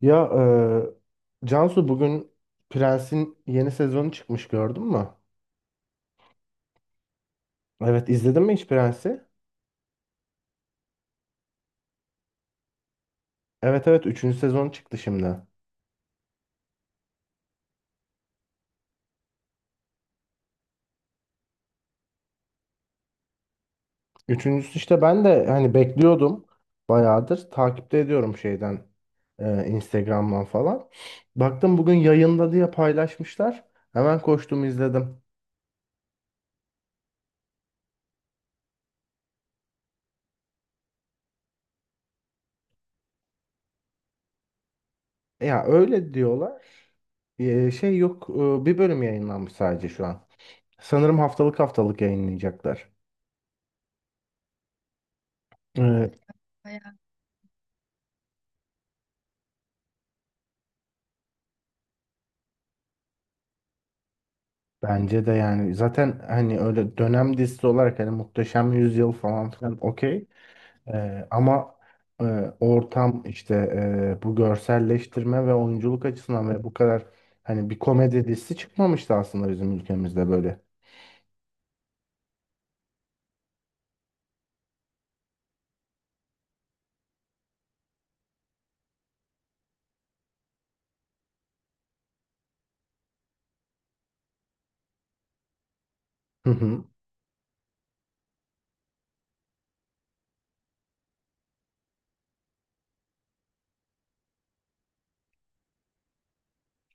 Ya Cansu bugün Prens'in yeni sezonu çıkmış gördün mü? Evet izledin mi hiç Prens'i? Evet, üçüncü sezon çıktı şimdi. Üçüncüsü işte ben de hani bekliyordum, bayağıdır takipte ediyorum şeyden, Instagram'dan falan. Baktım bugün yayında diye paylaşmışlar. Hemen koştum izledim. Ya öyle diyorlar. E, şey yok e, Bir bölüm yayınlanmış sadece şu an. Sanırım haftalık yayınlayacaklar. E, Bence de, yani zaten hani öyle dönem dizisi olarak hani Muhteşem Yüzyıl falan filan okey. Ama e, ortam işte, bu görselleştirme ve oyunculuk açısından ve bu kadar hani bir komedi dizisi çıkmamıştı aslında bizim ülkemizde böyle. Hı hı.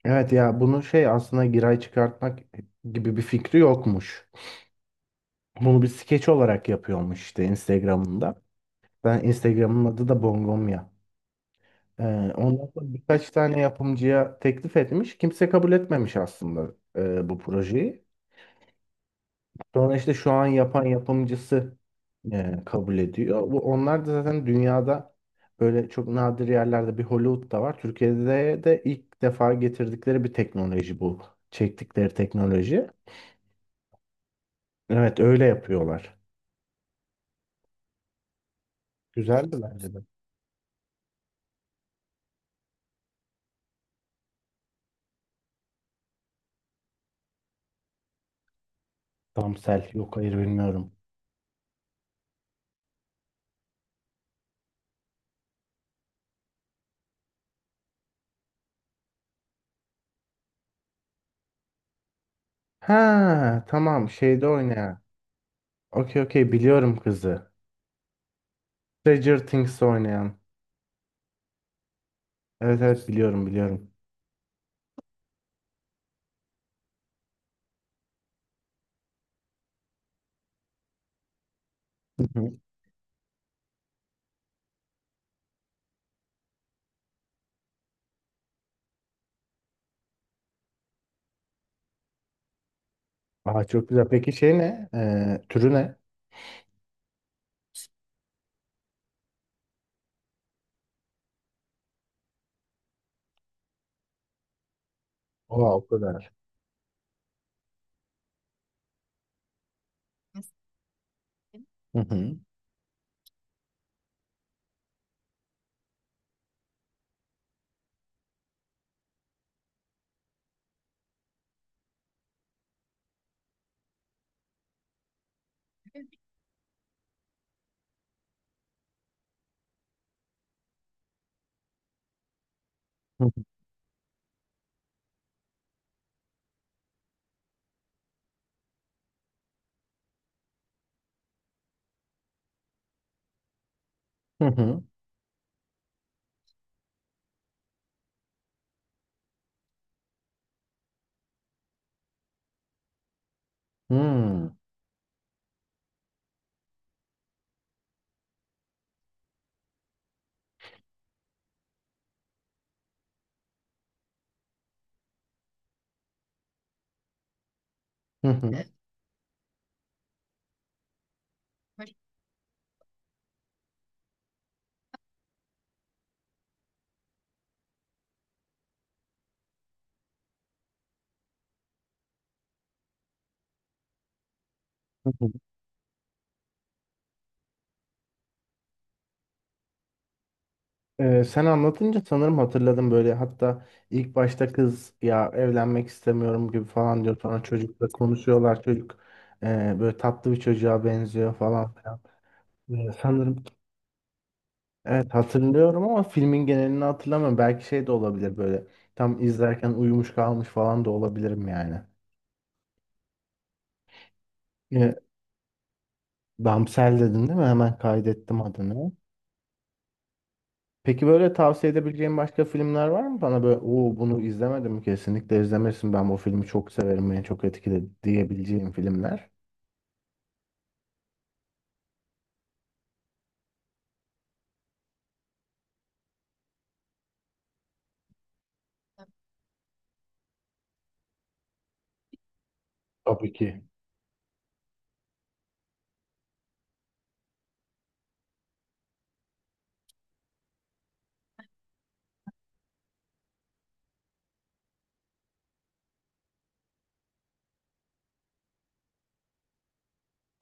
Evet ya, bunu şey aslında giray çıkartmak gibi bir fikri yokmuş. Bunu bir skeç olarak yapıyormuş işte Instagram'ında. Ben Instagram'ın adı da Bongomya. Ee, Ondan sonra birkaç tane yapımcıya teklif etmiş. Kimse kabul etmemiş aslında bu projeyi. Sonra işte şu an yapan yapımcısı kabul ediyor. Bu, onlar da zaten dünyada böyle çok nadir yerlerde, bir Hollywood'da var. Türkiye'de de ilk defa getirdikleri bir teknoloji bu. Çektikleri teknoloji. Evet öyle yapıyorlar. Güzeldi bence de. Tamsel yok, hayır bilmiyorum. Ha tamam, şeyde oynayan. Okey okey, biliyorum kızı. Stranger Things'te oynayan. Evet, biliyorum. Hı hı. Aa, çok güzel. Peki şey ne? Türü ne? Oha o kadar. Hı hı. Hı hı. Hı hı. Hmm. Hı hı. Hı hı. Sen anlatınca sanırım hatırladım böyle, hatta ilk başta kız ya evlenmek istemiyorum gibi falan diyor, sonra çocukla konuşuyorlar, çocuk böyle tatlı bir çocuğa benziyor falan filan. Sanırım evet hatırlıyorum, ama filmin genelini hatırlamıyorum, belki şey de olabilir, böyle tam izlerken uyumuş kalmış falan da olabilirim yani. Ee, Damsel dedin değil mi? Hemen kaydettim adını. Peki böyle tavsiye edebileceğin başka filmler var mı? Bana böyle, o bunu izlemedim kesinlikle izlemesin, ben bu filmi çok severim beni çok etkiledi diyebileceğim filmler. Tabii ki.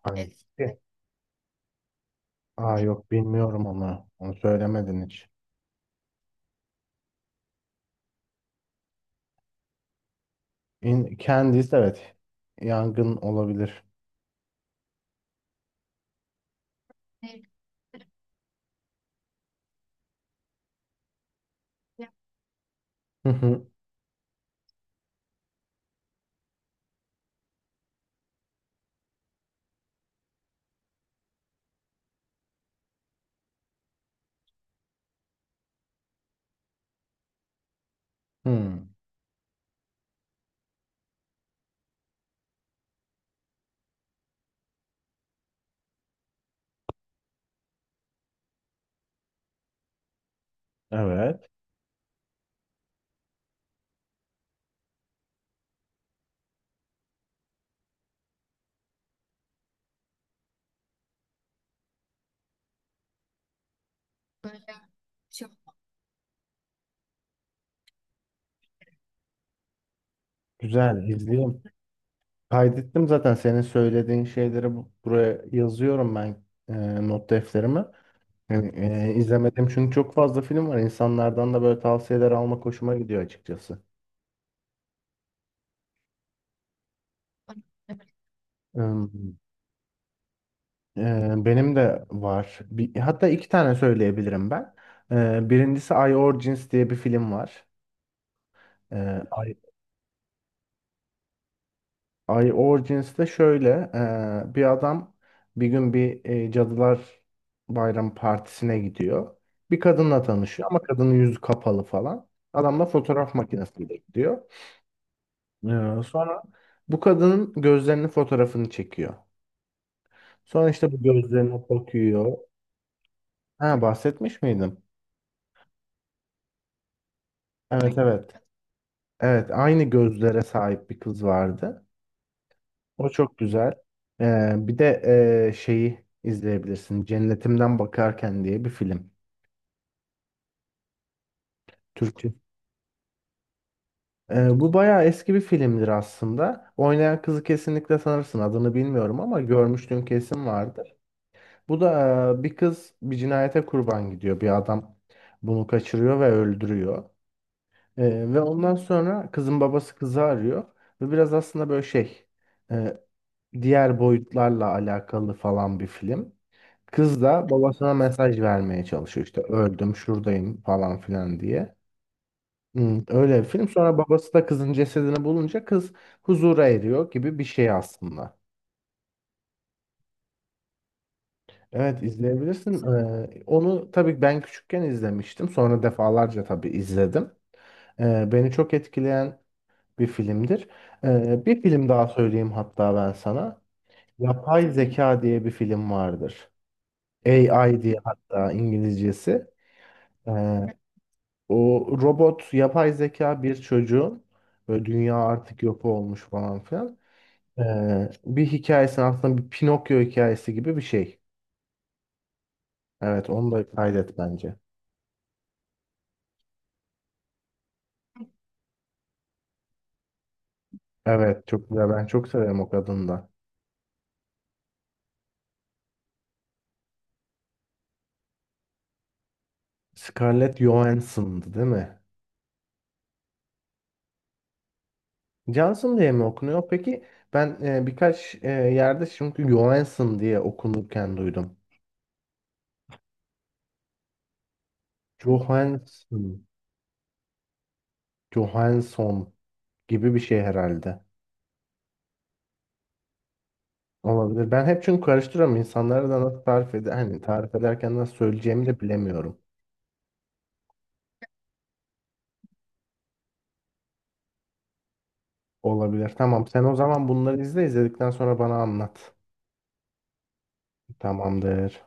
Hani, evet. Aa yok bilmiyorum onu. Onu söylemedin hiç. In, Candice evet. Yangın olabilir. Hı hı. Hmm, evet. Güzel, izleyeyim. Kaydettim zaten senin söylediğin şeyleri, buraya yazıyorum ben, not defterime. Yani, izlemedim çünkü çok fazla film var. İnsanlardan da böyle tavsiyeler almak hoşuma gidiyor açıkçası. Hmm, benim de var. Bir, hatta iki tane söyleyebilirim ben. E, birincisi I Origins diye bir film var. E, I, I Origins de şöyle, bir adam bir gün bir Cadılar Bayram partisine gidiyor. Bir kadınla tanışıyor ama kadının yüzü kapalı falan. Adam da fotoğraf makinesiyle gidiyor. Ya, sonra bu kadının gözlerinin fotoğrafını çekiyor. Sonra işte bu gözlerine bakıyor. Ha bahsetmiş miydim? Evet. Evet aynı gözlere sahip bir kız vardı. O çok güzel. Bir de şeyi izleyebilirsin. Cennetimden Bakarken diye bir film. Türkçe. Bu bayağı eski bir filmdir aslında. Oynayan kızı kesinlikle sanırsın. Adını bilmiyorum ama görmüştüm, kesin vardı. Bu da bir kız bir cinayete kurban gidiyor. Bir adam bunu kaçırıyor ve öldürüyor. Ve ondan sonra kızın babası kızı arıyor. Ve biraz aslında böyle şey, e, diğer boyutlarla alakalı falan bir film. Kız da babasına mesaj vermeye çalışıyor. İşte öldüm şuradayım falan filan diye. Hmm, öyle bir film. Sonra babası da kızın cesedini bulunca kız huzura eriyor gibi bir şey aslında. Evet izleyebilirsin. Onu tabii ben küçükken izlemiştim. Sonra defalarca tabii izledim. Beni çok etkileyen bir filmdir. Bir film daha söyleyeyim hatta ben sana. Yapay Zeka diye bir film vardır. AI diye hatta İngilizcesi. Ee, O robot yapay zeka bir çocuğun, böyle dünya artık yok olmuş falan filan. Bir hikayesi, aslında bir Pinokyo hikayesi gibi bir şey. Evet onu da kaydet bence. Evet çok güzel. Ben çok severim o kadını da. Scarlett Johansson'dı değil mi? Johnson diye mi okunuyor? Peki ben birkaç yerde çünkü Johansson diye okunurken duydum. Johansson, Johansson gibi bir şey herhalde. Olabilir. Ben hep çünkü karıştırıyorum. İnsanlara da nasıl tarif eder, hani tarif ederken nasıl söyleyeceğimi de bilemiyorum. Olabilir. Tamam. Sen o zaman bunları izle, izledikten sonra bana anlat. Tamamdır.